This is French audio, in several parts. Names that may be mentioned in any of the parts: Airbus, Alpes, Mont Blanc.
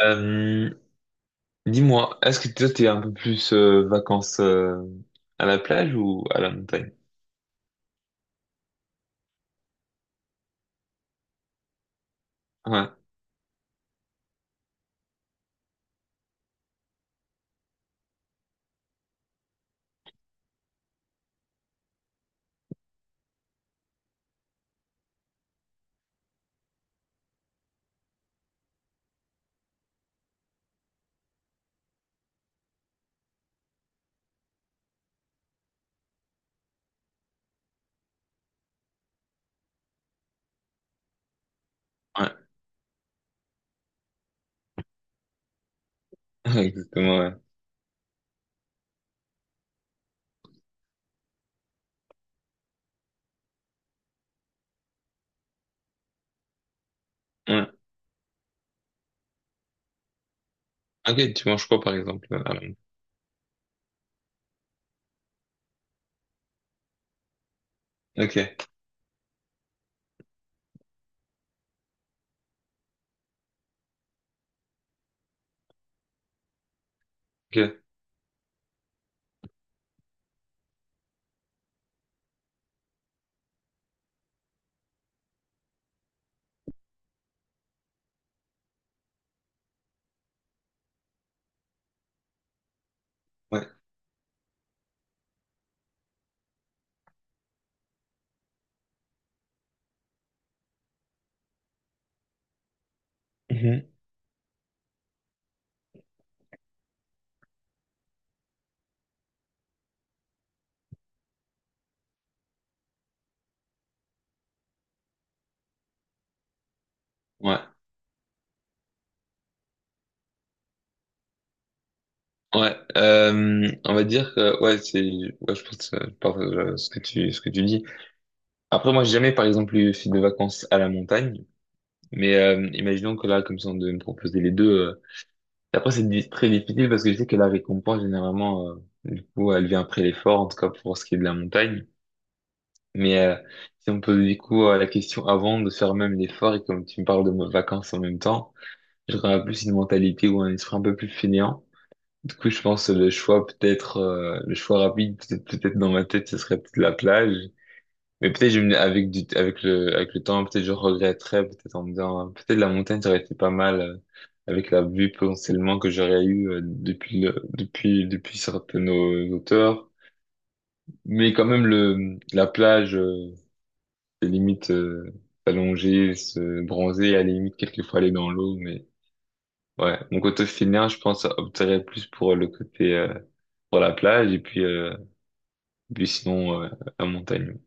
Euh, dis-moi, est-ce que toi t'es un peu plus vacances à la plage ou à la montagne? Ouais, ouais, ouais, exactement, ouais. Ouais. Ok, tu manges quoi par exemple à la montagne? Ok, ok, ouais. Mhm. Ouais, ouais. On va dire que ouais, je pense je partage ce que tu dis. Après, moi, j'ai jamais par exemple eu fait de vacances à la montagne, mais imaginons que là, comme ça, on devait me proposer les deux. Après, très difficile parce que je sais que la récompense, généralement, du coup, elle vient après l'effort, en tout cas pour ce qui est de la montagne. Mais si on pose du coup la question avant de faire même l'effort, et comme tu me parles de vacances en même temps, j'aurais plus une mentalité ou un esprit un peu plus fainéant. Du coup, je pense que le choix peut-être, le choix rapide, peut-être dans ma tête, ce serait peut-être la plage. Mais avec du avec le temps, peut-être je regretterais, peut-être en me disant, peut-être la montagne ça aurait été pas mal avec la vue potentiellement que j'aurais eu depuis le depuis depuis certaines hauteurs. Mais quand même le la plage, c'est limite s'allonger, se bronzer, à la limite quelquefois aller dans l'eau. Mais ouais, mon côté finir, je pense opterait plus pour le côté pour la plage et puis puis sinon la montagne.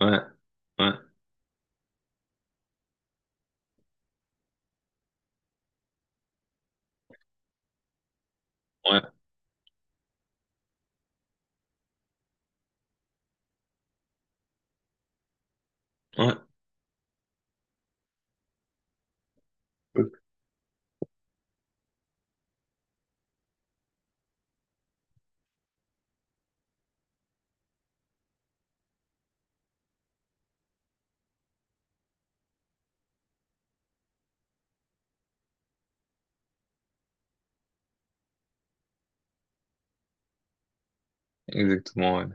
Ouais, ouais, ouais, ouais, exactement, ouais.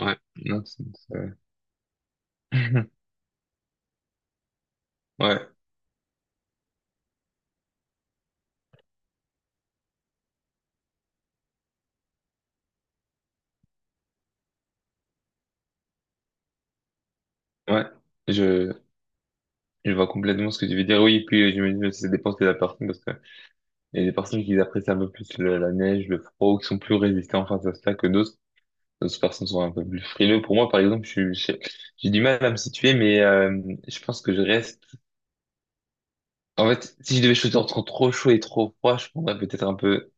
Ouais, non, c'est, ouais, ouais, je, je vois complètement ce que tu veux dire. Oui, puis j'imagine que ça dépend de la personne parce que il y a des personnes qui apprécient un peu plus la neige, le froid, ou qui sont plus résistantes face à cela que d'autres. D'autres personnes sont un peu plus frileux. Pour moi, par exemple, j'ai du mal à me situer, mais je pense que je reste. En fait, si je devais choisir entre trop chaud et trop froid, je prendrais peut-être un peu.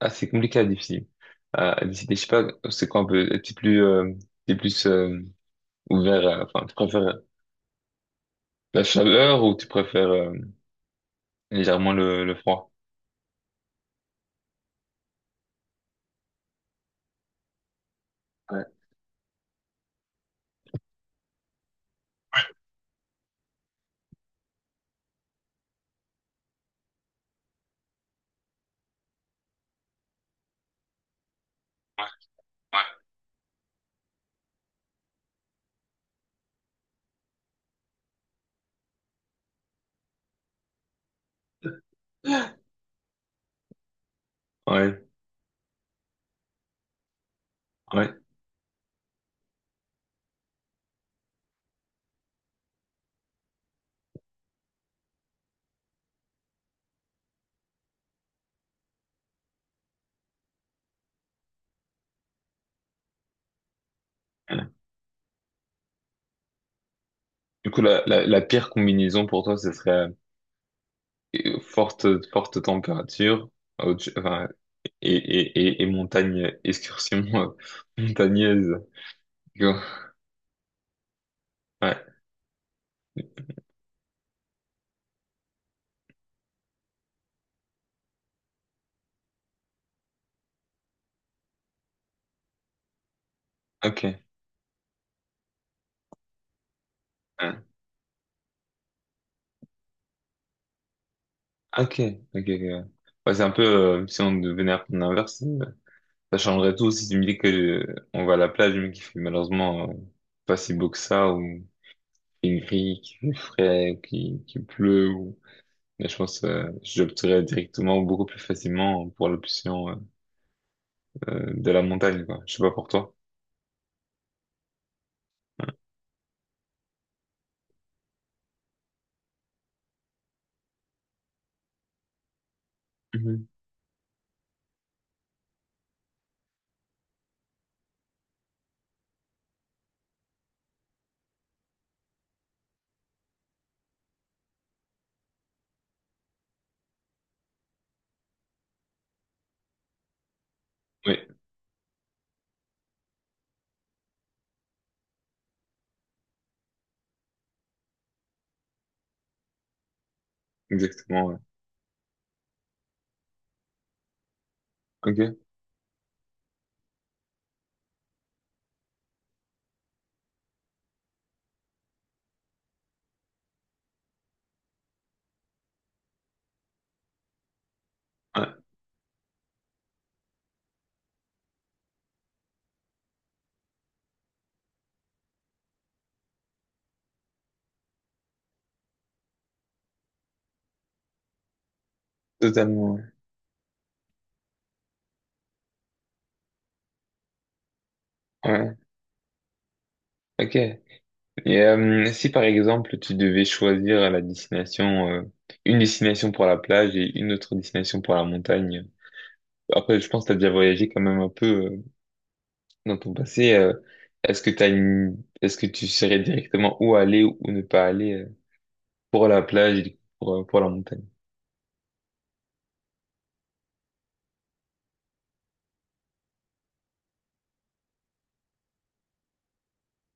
Ah, c'est compliqué à décider. À décider, je sais pas, c'est quoi un peu. T'es plus ouvert. Enfin, tu préfères la chaleur ou tu préfères légèrement le froid? Ouais. Ouais, ouais. Ouais. Du coup, la pire combinaison pour toi, ce serait euh, forte, forte température enfin, et, et montagne, excursion montagneuse. Go. Ouais, ok. Ouais. Ok, ok, ok. Ouais, ouais, c'est un peu, si on devenait un peu l'inverse, ça changerait tout si tu me dis que on va à la plage, mais qu'il fait malheureusement pas si beau que ça, il gris, qu'il ferait, qu'il pleut. Ou… Mais je pense j'opterais directement beaucoup plus facilement pour l'option de la montagne, quoi. Je sais pas pour toi. Mhm. Oui, exactement, ouais. Ok. Ouais, totalement. Ouais. Ouais. Ok. Et si par exemple tu devais choisir la destination, une destination pour la plage et une autre destination pour la montagne. Après, je pense que t'as déjà voyagé quand même un peu dans ton passé. Est-ce que t'as une… est-ce que tu saurais directement où aller ou ne pas aller? Pour la plage et du coup, pour la montagne.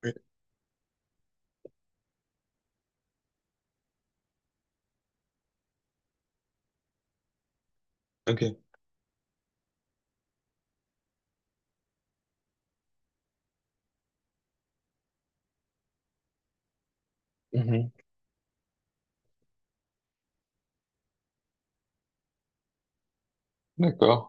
Oui. Ok. Mhm. D'accord.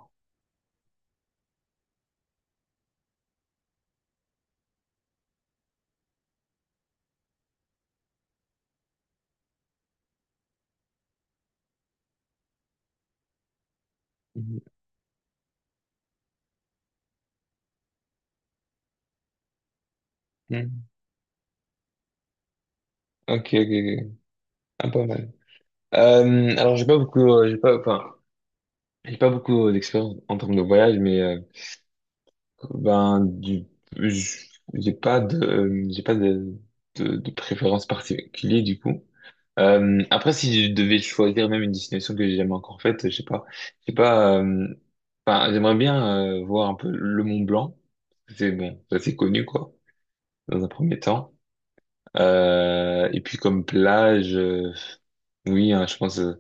Mhm. Mhm. Ok, ok, ok. Ah, pas mal. Alors, j'ai pas, enfin, j'ai pas beaucoup d'expérience en termes de voyage, mais ben, j- j'ai pas de, de préférence particulière du coup. Après, si je devais choisir même une destination que j'ai jamais encore faite, je sais pas, j'ai pas. Enfin, j'aimerais bien voir un peu le Mont Blanc. C'est bon, ça c'est connu quoi. Dans un premier temps. Et puis comme plage, oui, hein, je pense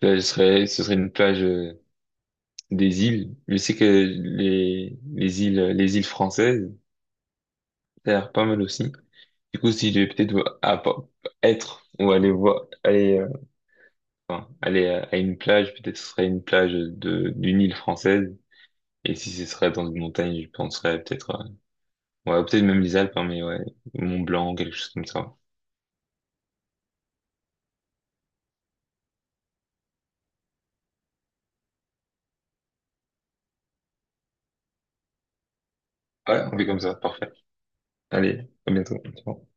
plage serait, ce serait une plage des îles. Je sais que les îles françaises, ça a l'air pas mal aussi. Du coup, si je vais peut-être vo- à- pa- être ou aller voir, aller, enfin, aller à une plage, peut-être ce serait une plage de d'une île française. Et si ce serait dans une montagne, je penserais peut-être, ouais, peut-être même les Alpes, hein, mais ouais, Mont Blanc, quelque chose comme ça. Ouais, on fait comme ça, parfait. Allez, à bientôt. Ciao.